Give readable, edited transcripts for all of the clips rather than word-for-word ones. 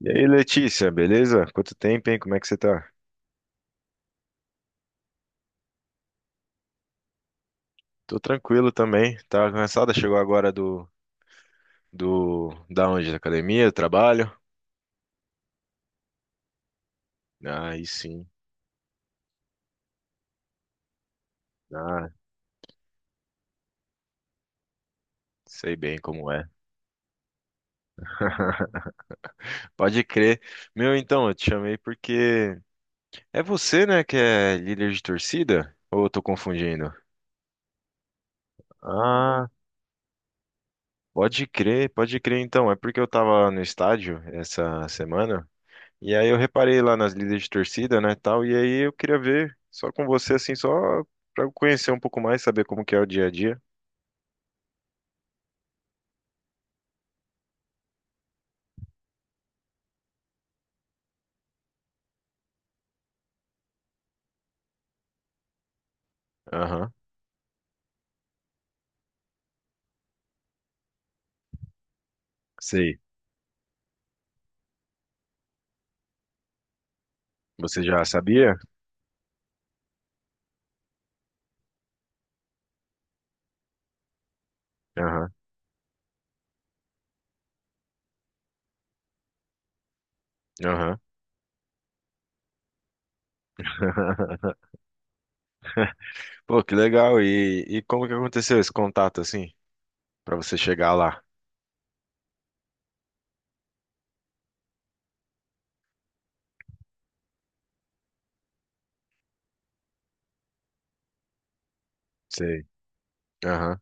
E aí, Letícia, beleza? Quanto tempo, hein? Como é que você tá? Tô tranquilo também. Tava cansada, chegou agora da onde? Da academia, do trabalho? Ah, aí sim. Ah, sei bem como é. Pode crer. Meu, então, eu te chamei porque é você, né, que é líder de torcida? Ou eu tô confundindo? Ah, pode crer então. É porque eu tava no estádio essa semana. E aí eu reparei lá nas líderes de torcida, né, tal, e aí eu queria ver só com você, assim, só pra eu conhecer um pouco mais, saber como que é o dia a dia. Aham, sei. Você já sabia? Aham, aham. Pô, que legal. E como que aconteceu esse contato, assim, pra você chegar lá? Sei. Aham.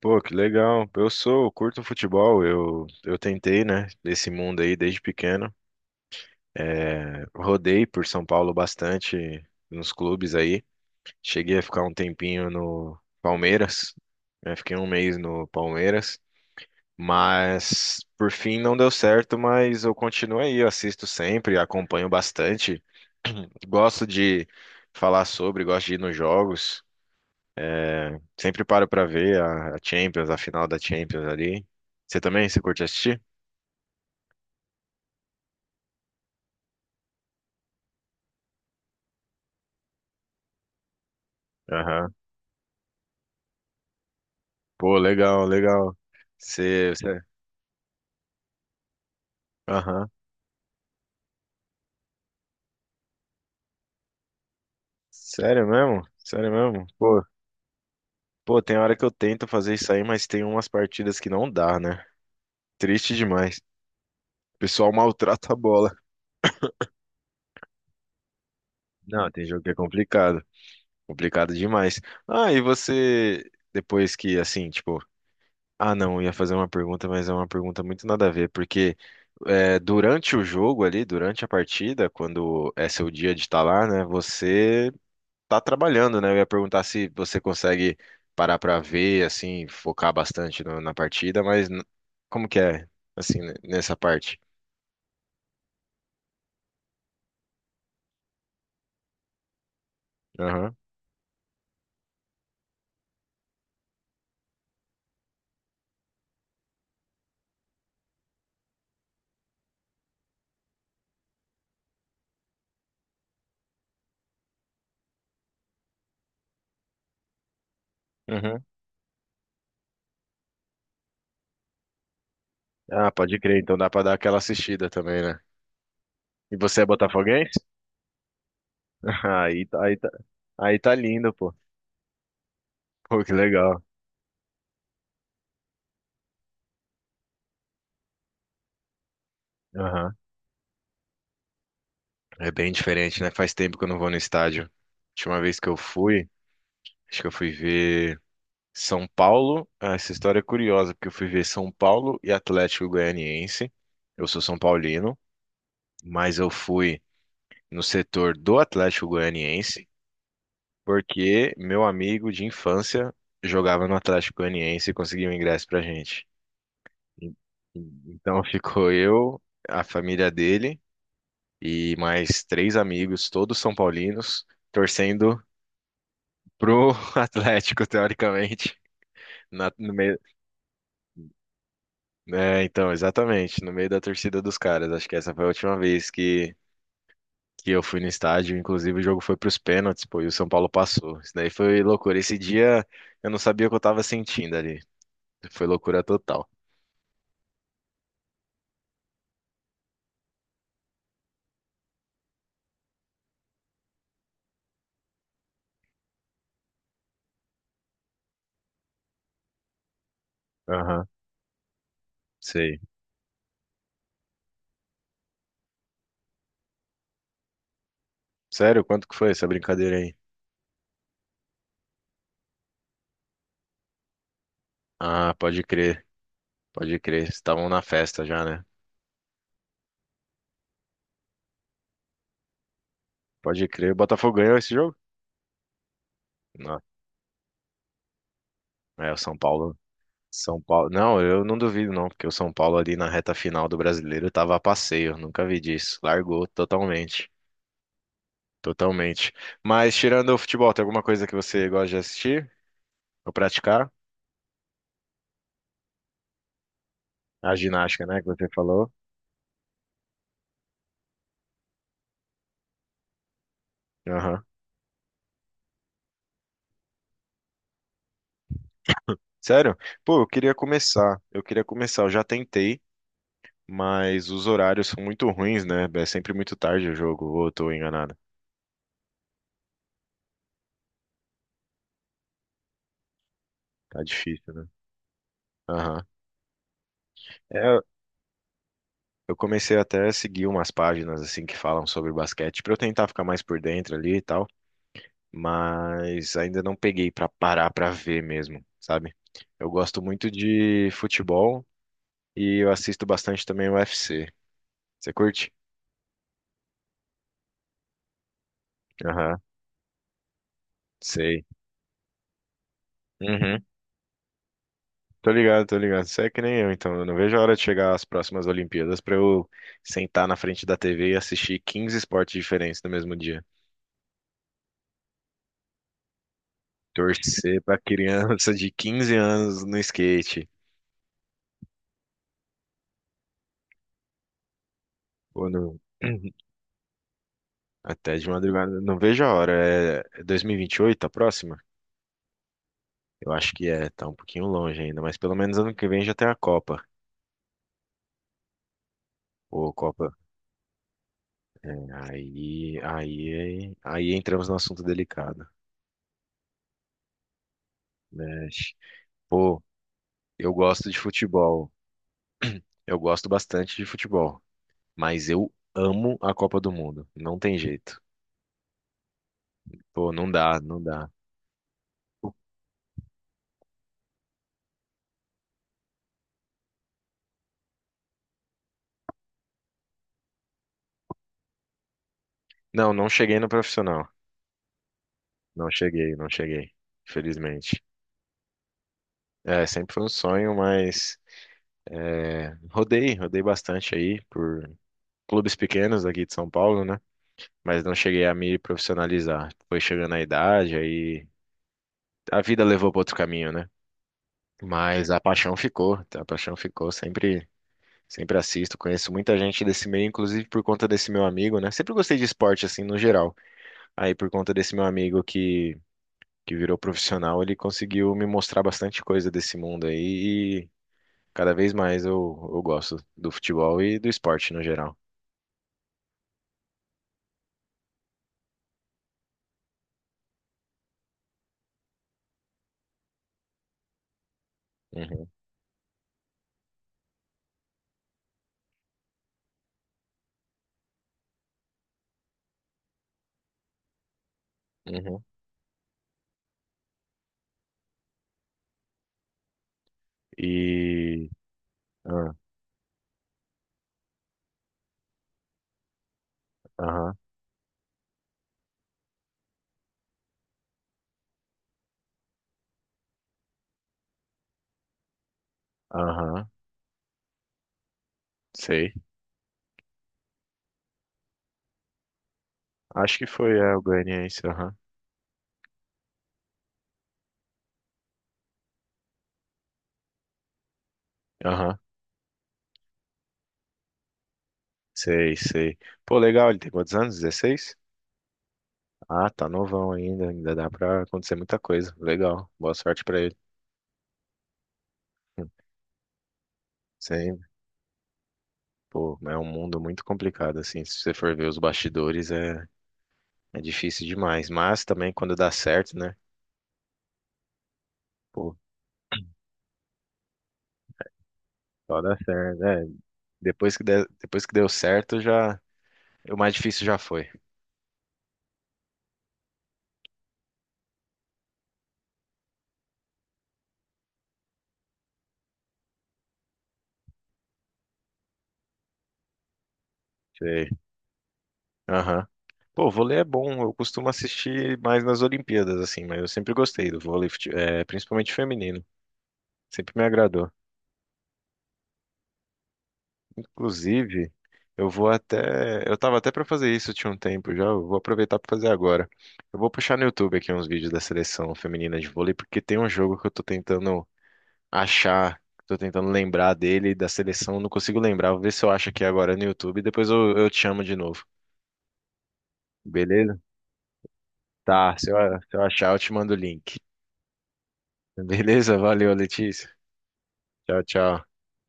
Pô, que legal. Eu sou, eu curto futebol, eu tentei, né, esse mundo aí desde pequeno. É, rodei por São Paulo bastante nos clubes aí. Cheguei a ficar um tempinho no Palmeiras, né? Fiquei um mês no Palmeiras, mas por fim não deu certo, mas eu continuo aí, eu assisto sempre, acompanho bastante, gosto de falar sobre, gosto de ir nos jogos, sempre paro pra ver a Champions, a final da Champions ali. Você também, você curte assistir? Aham. Pô, legal, legal. Você, você... Aham. Sério mesmo? Sério mesmo? Pô, pô, tem hora que eu tento fazer isso aí, mas tem umas partidas que não dá, né? Triste demais. O pessoal maltrata a bola. Não, tem jogo que é complicado. Complicado demais. Ah, e você, depois que, assim, tipo, ah, não, eu ia fazer uma pergunta, mas é uma pergunta muito nada a ver, porque é, durante o jogo ali, durante a partida, quando é seu dia de estar lá, né, você tá trabalhando, né? Eu ia perguntar se você consegue parar pra ver, assim, focar bastante na partida, mas como que é, assim, né, nessa parte? Aham. Ah, pode crer, então dá pra dar aquela assistida também, né? E você é botafoguense? Aí, tá- aí, tá- aí tá lindo, pô. Pô, que legal. Aham. É bem diferente, né? Faz tempo que eu não vou no estádio. Última vez que eu fui, acho que eu fui ver São Paulo. Ah, essa história é curiosa, porque eu fui ver São Paulo e Atlético Goianiense. Eu sou São Paulino, mas eu fui no setor do Atlético Goianiense, porque meu amigo de infância jogava no Atlético Goianiense e conseguiu um ingresso pra gente. En- Então ficou eu, a família dele e mais três amigos, todos são paulinos, torcendo pro Atlético, teoricamente. No meio, é, então, exatamente, no meio da torcida dos caras. Acho que essa foi a última vez que eu fui no estádio. Inclusive, o jogo foi pros pênaltis, pô, e o São Paulo passou. Isso daí foi loucura. Esse dia eu não sabia o que eu tava sentindo ali. Foi loucura total. Aham, sei. Sério? Quanto que foi essa brincadeira aí? Ah, pode crer, pode crer. Vocês estavam na festa já, né? Pode crer. O Botafogo ganhou esse jogo? Não. É, o São Paulo. São Paulo. Não, eu não duvido, não, porque o São Paulo ali na reta final do Brasileiro tava a passeio. Nunca vi disso. Largou totalmente. Totalmente. Mas tirando o futebol, tem alguma coisa que você gosta de assistir? Ou praticar? A ginástica, né, que você falou. Aham. Sério? Pô, eu queria começar. Eu queria começar. Eu já tentei. Mas os horários são muito ruins, né? É sempre muito tarde o jogo, ou eu tô enganado. Tá difícil, né? Aham. É, eu comecei até a seguir umas páginas assim que falam sobre basquete pra eu tentar ficar mais por dentro ali e tal, mas ainda não peguei pra parar pra ver mesmo, sabe? Eu gosto muito de futebol e eu assisto bastante também o UFC. Você curte? Aham, sei. Uhum. Tô ligado, tô ligado. Você é que nem eu, então. Eu não vejo a hora de chegar às próximas Olimpíadas pra eu sentar na frente da TV e assistir 15 esportes diferentes no mesmo dia. Torcer pra criança de 15 anos no skate. Ou no... Até de madrugada. Não vejo a hora. É 2028 a próxima? Eu acho que é. Tá um pouquinho longe ainda, mas pelo menos ano que vem já tem a Copa. Ô, Copa. Aí entramos no assunto delicado. Né? Pô, eu gosto de futebol. Eu gosto bastante de futebol, mas eu amo a Copa do Mundo. Não tem jeito. Pô, não dá, não dá. Não, não cheguei no profissional. Não cheguei, não cheguei. Felizmente. É, sempre foi um sonho, mas é, rodei bastante aí por clubes pequenos aqui de São Paulo, né? Mas não cheguei a me profissionalizar. Foi chegando a idade, aí a vida levou para outro caminho, né? Mas a paixão ficou sempre. Sempre assisto, conheço muita gente desse meio, inclusive por conta desse meu amigo, né? Sempre gostei de esporte, assim, no geral. Aí, por conta desse meu amigo que virou profissional, ele conseguiu me mostrar bastante coisa desse mundo aí. E cada vez mais eu gosto do futebol e do esporte no geral. Uhum, uhum. E. Ah, aham, aham, sei. Acho que foi é, o Goianiense, aham, aham, sei, sei. Pô, legal, ele tem quantos anos? 16? Ah, tá novão ainda, ainda dá pra acontecer muita coisa. Legal, boa sorte pra ele. Sim, pô, é um mundo muito complicado, assim, se você for ver os bastidores é, é difícil demais, mas também quando dá certo, né, pô, só dá certo, né, depois que deu certo já, o mais difícil já foi. Sei, aham. Pô, vôlei é bom, eu costumo assistir mais nas Olimpíadas, assim, mas eu sempre gostei do vôlei, é, principalmente feminino, sempre me agradou. Inclusive, eu vou até. Eu tava até pra fazer isso tinha um tempo já. Eu vou aproveitar pra fazer agora. Eu vou puxar no YouTube aqui uns vídeos da seleção feminina de vôlei, porque tem um jogo que eu tô tentando achar, tô tentando lembrar dele, da seleção, não consigo lembrar. Vou ver se eu acho aqui agora no YouTube e depois eu te chamo de novo. Beleza? Tá, se eu, achar, eu te mando o link. Beleza? Valeu, Letícia. Tchau, tchau.